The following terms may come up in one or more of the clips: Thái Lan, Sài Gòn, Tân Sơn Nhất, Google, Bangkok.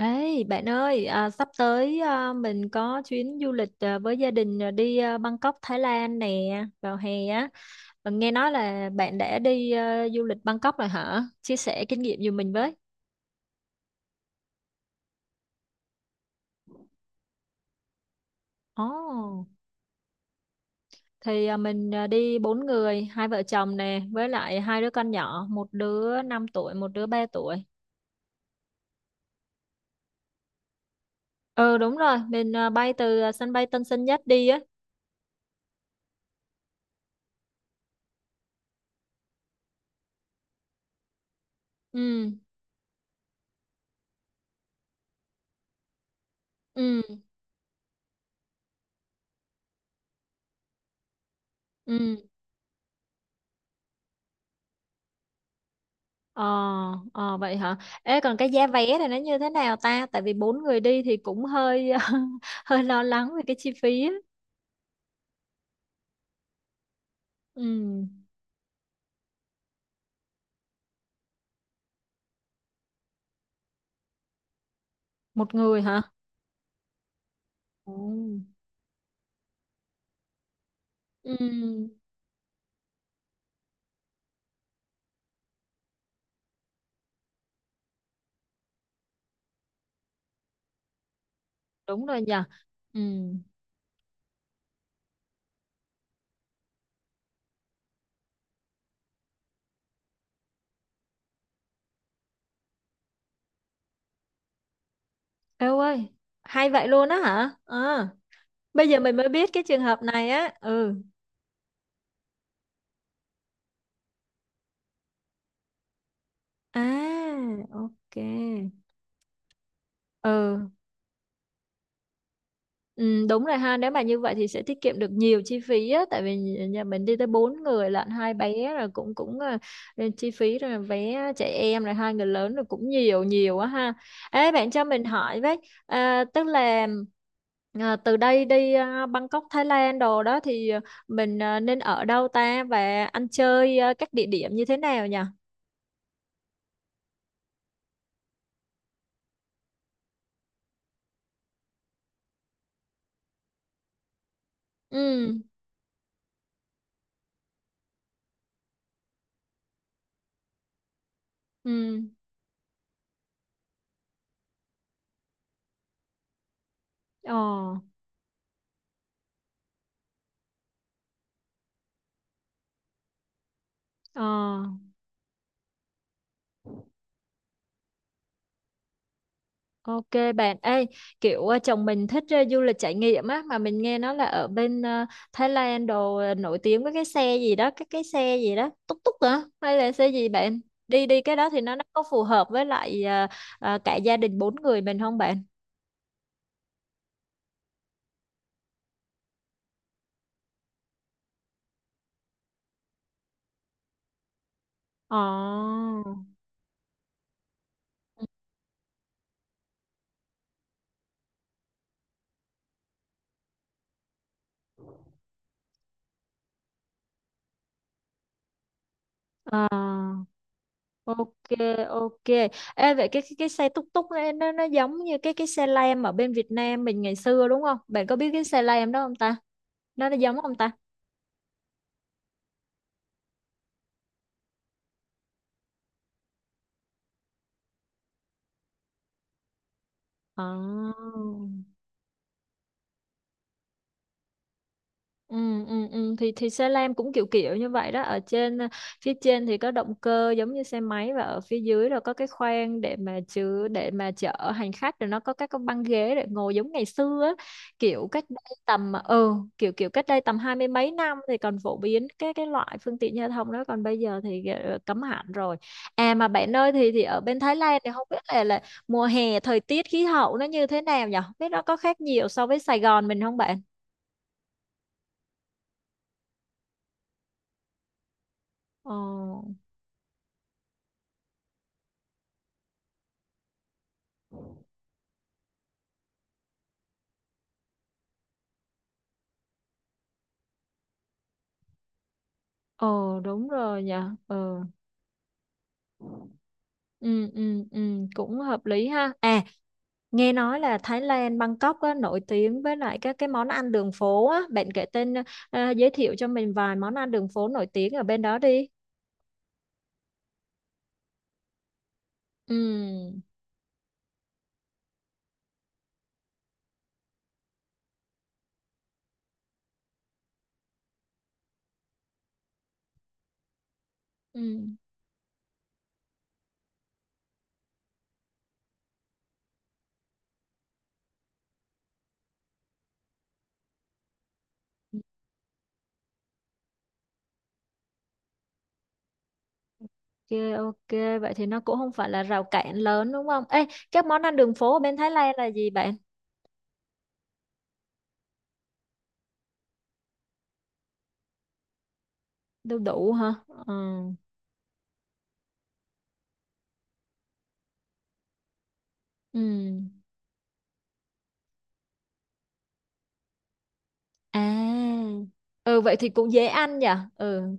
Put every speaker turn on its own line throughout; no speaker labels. Ê, bạn ơi, sắp tới mình có chuyến du lịch với gia đình đi Bangkok, Thái Lan nè, vào hè á. Và nghe nói là bạn đã đi du lịch Bangkok rồi hả? Chia sẻ kinh nghiệm giùm mình với. Ồ, thì mình đi bốn người, hai vợ chồng nè, với lại hai đứa con nhỏ, một đứa 5 tuổi, một đứa 3 tuổi. Ừ, đúng rồi, mình bay từ sân bay Tân Sơn Nhất đi á. Ừ, ừ, ừ. Ờ, ờ vậy hả? Ê, còn cái giá vé này nó như thế nào ta? Tại vì bốn người đi thì cũng hơi hơi lo lắng về cái chi phí á. Ừ, một người hả? Ừ, ừ, đúng rồi nhỉ. Ừ, eo ơi, hay vậy luôn á hả? Ờ, bây giờ mình mới biết cái trường hợp này á. Ừ, à, ok. Ừ, ừ, đúng rồi ha. Nếu mà như vậy thì sẽ tiết kiệm được nhiều chi phí á, tại vì nhà mình đi tới bốn người lận, hai bé rồi cũng cũng à, chi phí rồi vé trẻ em rồi hai người lớn rồi cũng nhiều nhiều á ha. Ê bạn cho mình hỏi với, tức là từ đây đi Bangkok Thái Lan đồ đó thì mình nên ở đâu ta, và ăn chơi các địa điểm như thế nào nhỉ? Ừ, ừ. Ờ, ờ. Ok. Bạn, ê, kiểu chồng mình thích du lịch trải nghiệm á, mà mình nghe nói là ở bên Thái Lan đồ nổi tiếng với cái xe gì đó, cái xe gì đó, túc túc hả? Hay là xe gì bạn? Đi đi cái đó thì nó có phù hợp với lại cả gia đình bốn người mình không bạn? Ồ. À, ok, ok. Ê, vậy cái xe túc túc ấy, nó giống như cái xe lam ở bên Việt Nam mình ngày xưa đúng không? Bạn có biết cái xe lam đó không ta? Nó giống không ta? À. Ừ, ừ, ừ. Thì xe lam cũng kiểu kiểu như vậy đó, phía trên thì có động cơ giống như xe máy, và ở phía dưới là có cái khoang để mà chở hành khách, rồi nó có các cái băng ghế để ngồi giống ngày xưa á. Kiểu cách đây tầm ừ, kiểu cách đây tầm hai mươi mấy năm thì còn phổ biến cái loại phương tiện giao thông đó, còn bây giờ thì cấm hẳn rồi. À mà bạn ơi, thì ở bên Thái Lan thì không biết là mùa hè thời tiết khí hậu nó như thế nào nhỉ? Không biết nó có khác nhiều so với Sài Gòn mình không bạn? Ờ. Ờ đúng rồi nhỉ. Ờ. Ừ, ừ, ừ, cũng hợp lý ha. À, nghe nói là Thái Lan Bangkok á, nổi tiếng với lại các cái món ăn đường phố á, bạn kể tên ờ, ờ, giới thiệu cho mình vài món ăn đường phố nổi tiếng ở bên đó đi. Ừ. Ừ. Ok, ok, vậy thì nó cũng không phải là rào cản lớn đúng không? Ê, các món ăn đường phố ở bên Thái Lan là gì bạn? Đu đủ hả? Ừ. Ừ. À. Ừ, vậy thì cũng dễ ăn nhỉ. Ừ.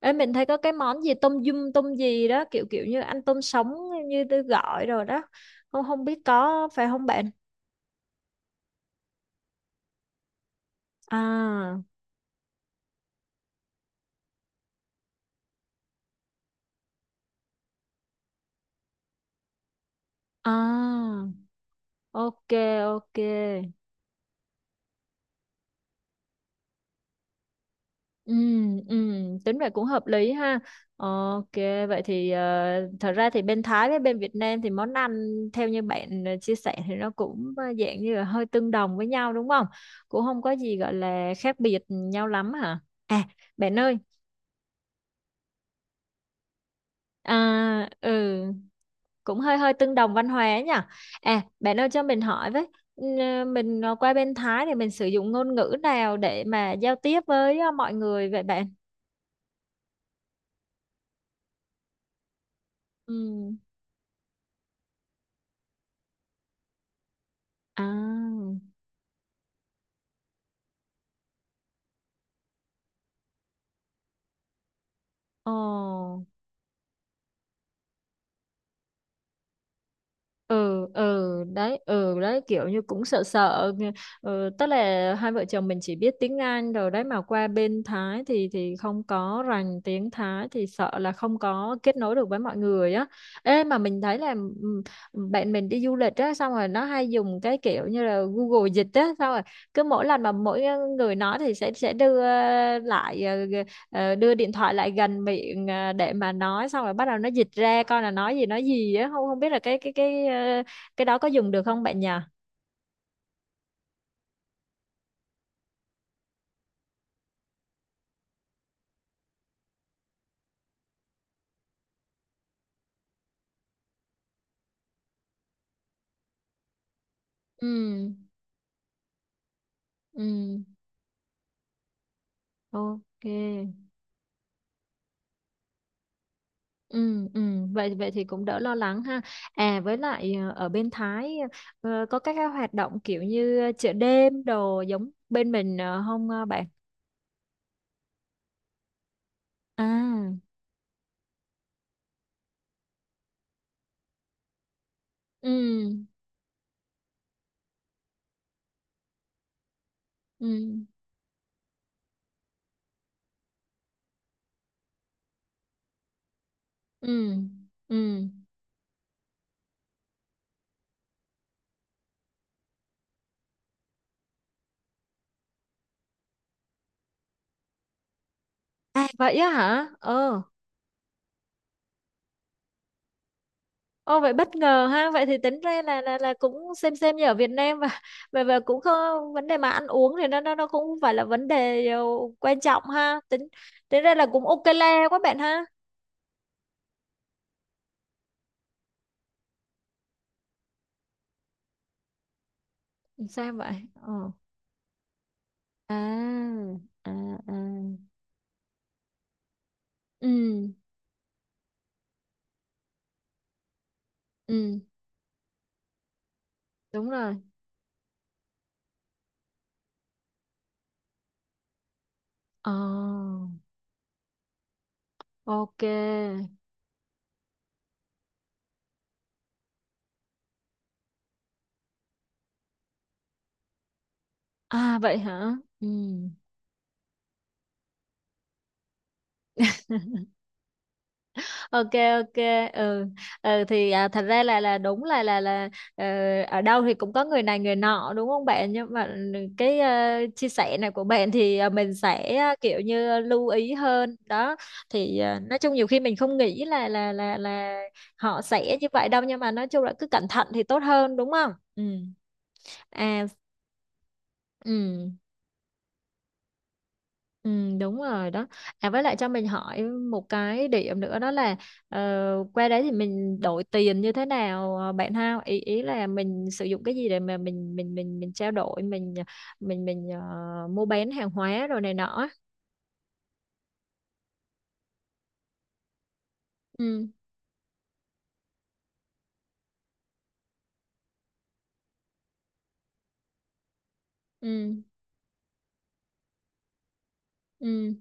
Ê, mình thấy có cái món gì tôm dung tôm gì đó, kiểu kiểu như ăn tôm sống, như tôi gọi rồi đó, không không biết có phải không bạn? À, à, ok, ok. Ừ, ừ, tính vậy cũng hợp lý ha. Ok. Vậy thì thật ra thì bên Thái với bên Việt Nam thì món ăn theo như bạn chia sẻ thì nó cũng dạng như là hơi tương đồng với nhau đúng không? Cũng không có gì gọi là khác biệt nhau lắm hả? à bạn ơi, ừ, cũng hơi hơi tương đồng văn hóa nhỉ. À, bạn ơi cho mình hỏi với, ừ, mình qua bên Thái thì mình sử dụng ngôn ngữ nào để mà giao tiếp với mọi người vậy bạn? Ừ, à, ồ, ừ, ừ đấy, ừ đấy, kiểu như cũng sợ sợ Ừ, tức là hai vợ chồng mình chỉ biết tiếng Anh rồi đấy, mà qua bên Thái thì không có rành tiếng Thái thì sợ là không có kết nối được với mọi người á. Ê mà mình thấy là, ừ, bạn mình đi du lịch á xong rồi nó hay dùng cái kiểu như là Google dịch á. Xong rồi cứ mỗi lần mà mỗi người nói thì sẽ đưa lại. Ờ, đưa điện thoại lại gần miệng để mà nói xong rồi bắt đầu nó dịch ra coi là nói gì á. Không không biết là cái đó có dùng được không bạn nhỉ? Ừ, ừ, ok. Ừ, ừ, vậy vậy thì cũng đỡ lo lắng ha. À, với lại ở bên Thái có các cái hoạt động kiểu như chợ đêm đồ giống bên mình không bạn? À, ừ, ừ, ừ, ừ. À vậy á hả? Ờ. Ô vậy bất ngờ ha, vậy thì tính ra là cũng xem như ở Việt Nam, và cũng không vấn đề, mà ăn uống thì nó cũng không phải là vấn đề quan trọng ha. Tính tính ra là cũng ok le quá bạn ha. Sao vậy? Ờ. À, à, à. Ừ, ừ, đúng rồi. Ờ, ok. À vậy hả? Ừ. Ok, ok, ừ, ừ. Thì thật ra là đúng là, ờ, ở đâu thì cũng có người này người nọ đúng không bạn, nhưng mà cái chia sẻ này của bạn thì mình sẽ kiểu như lưu ý hơn đó. Thì nói chung nhiều khi mình không nghĩ là họ sẽ như vậy đâu, nhưng mà nói chung là cứ cẩn thận thì tốt hơn đúng không? Ừ. À, ừ. Ừ, đúng rồi đó. À với lại cho mình hỏi một cái điểm nữa đó là, ờ, qua đấy thì mình đổi tiền như thế nào bạn ha? Ý ý là mình sử dụng cái gì để mà mình trao đổi, mình mua bán hàng hóa rồi này nọ á. Ừ, ừ, ừ.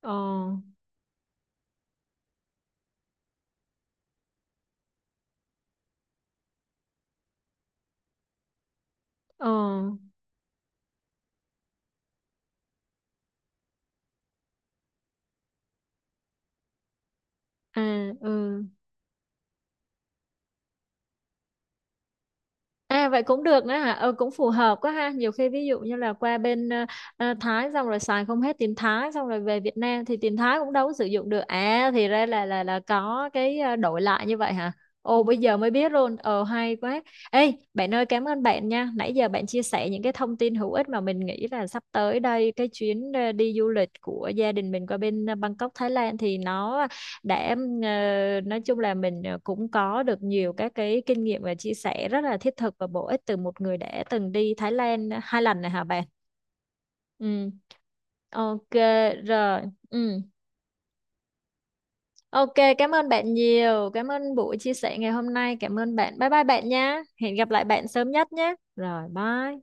Ờ, ờ, à, ừ. À vậy cũng được nữa hả? Ừ, cũng phù hợp quá ha. Nhiều khi ví dụ như là qua bên Thái xong rồi xài không hết tiền Thái, xong rồi về Việt Nam thì tiền Thái cũng đâu có sử dụng được. À thì ra là có cái đổi lại như vậy hả? Ồ bây giờ mới biết luôn. Ờ hay quá. Ê bạn ơi cảm ơn bạn nha. Nãy giờ bạn chia sẻ những cái thông tin hữu ích mà mình nghĩ là sắp tới đây cái chuyến đi du lịch của gia đình mình qua bên Bangkok Thái Lan thì nó để nói chung là mình cũng có được nhiều các cái kinh nghiệm và chia sẻ rất là thiết thực và bổ ích từ một người đã từng đi Thái Lan 2 lần này hả bạn? Ừ. Ok rồi. Ừ. Ok, cảm ơn bạn nhiều. Cảm ơn buổi chia sẻ ngày hôm nay. Cảm ơn bạn. Bye bye bạn nha. Hẹn gặp lại bạn sớm nhất nhé. Rồi, bye.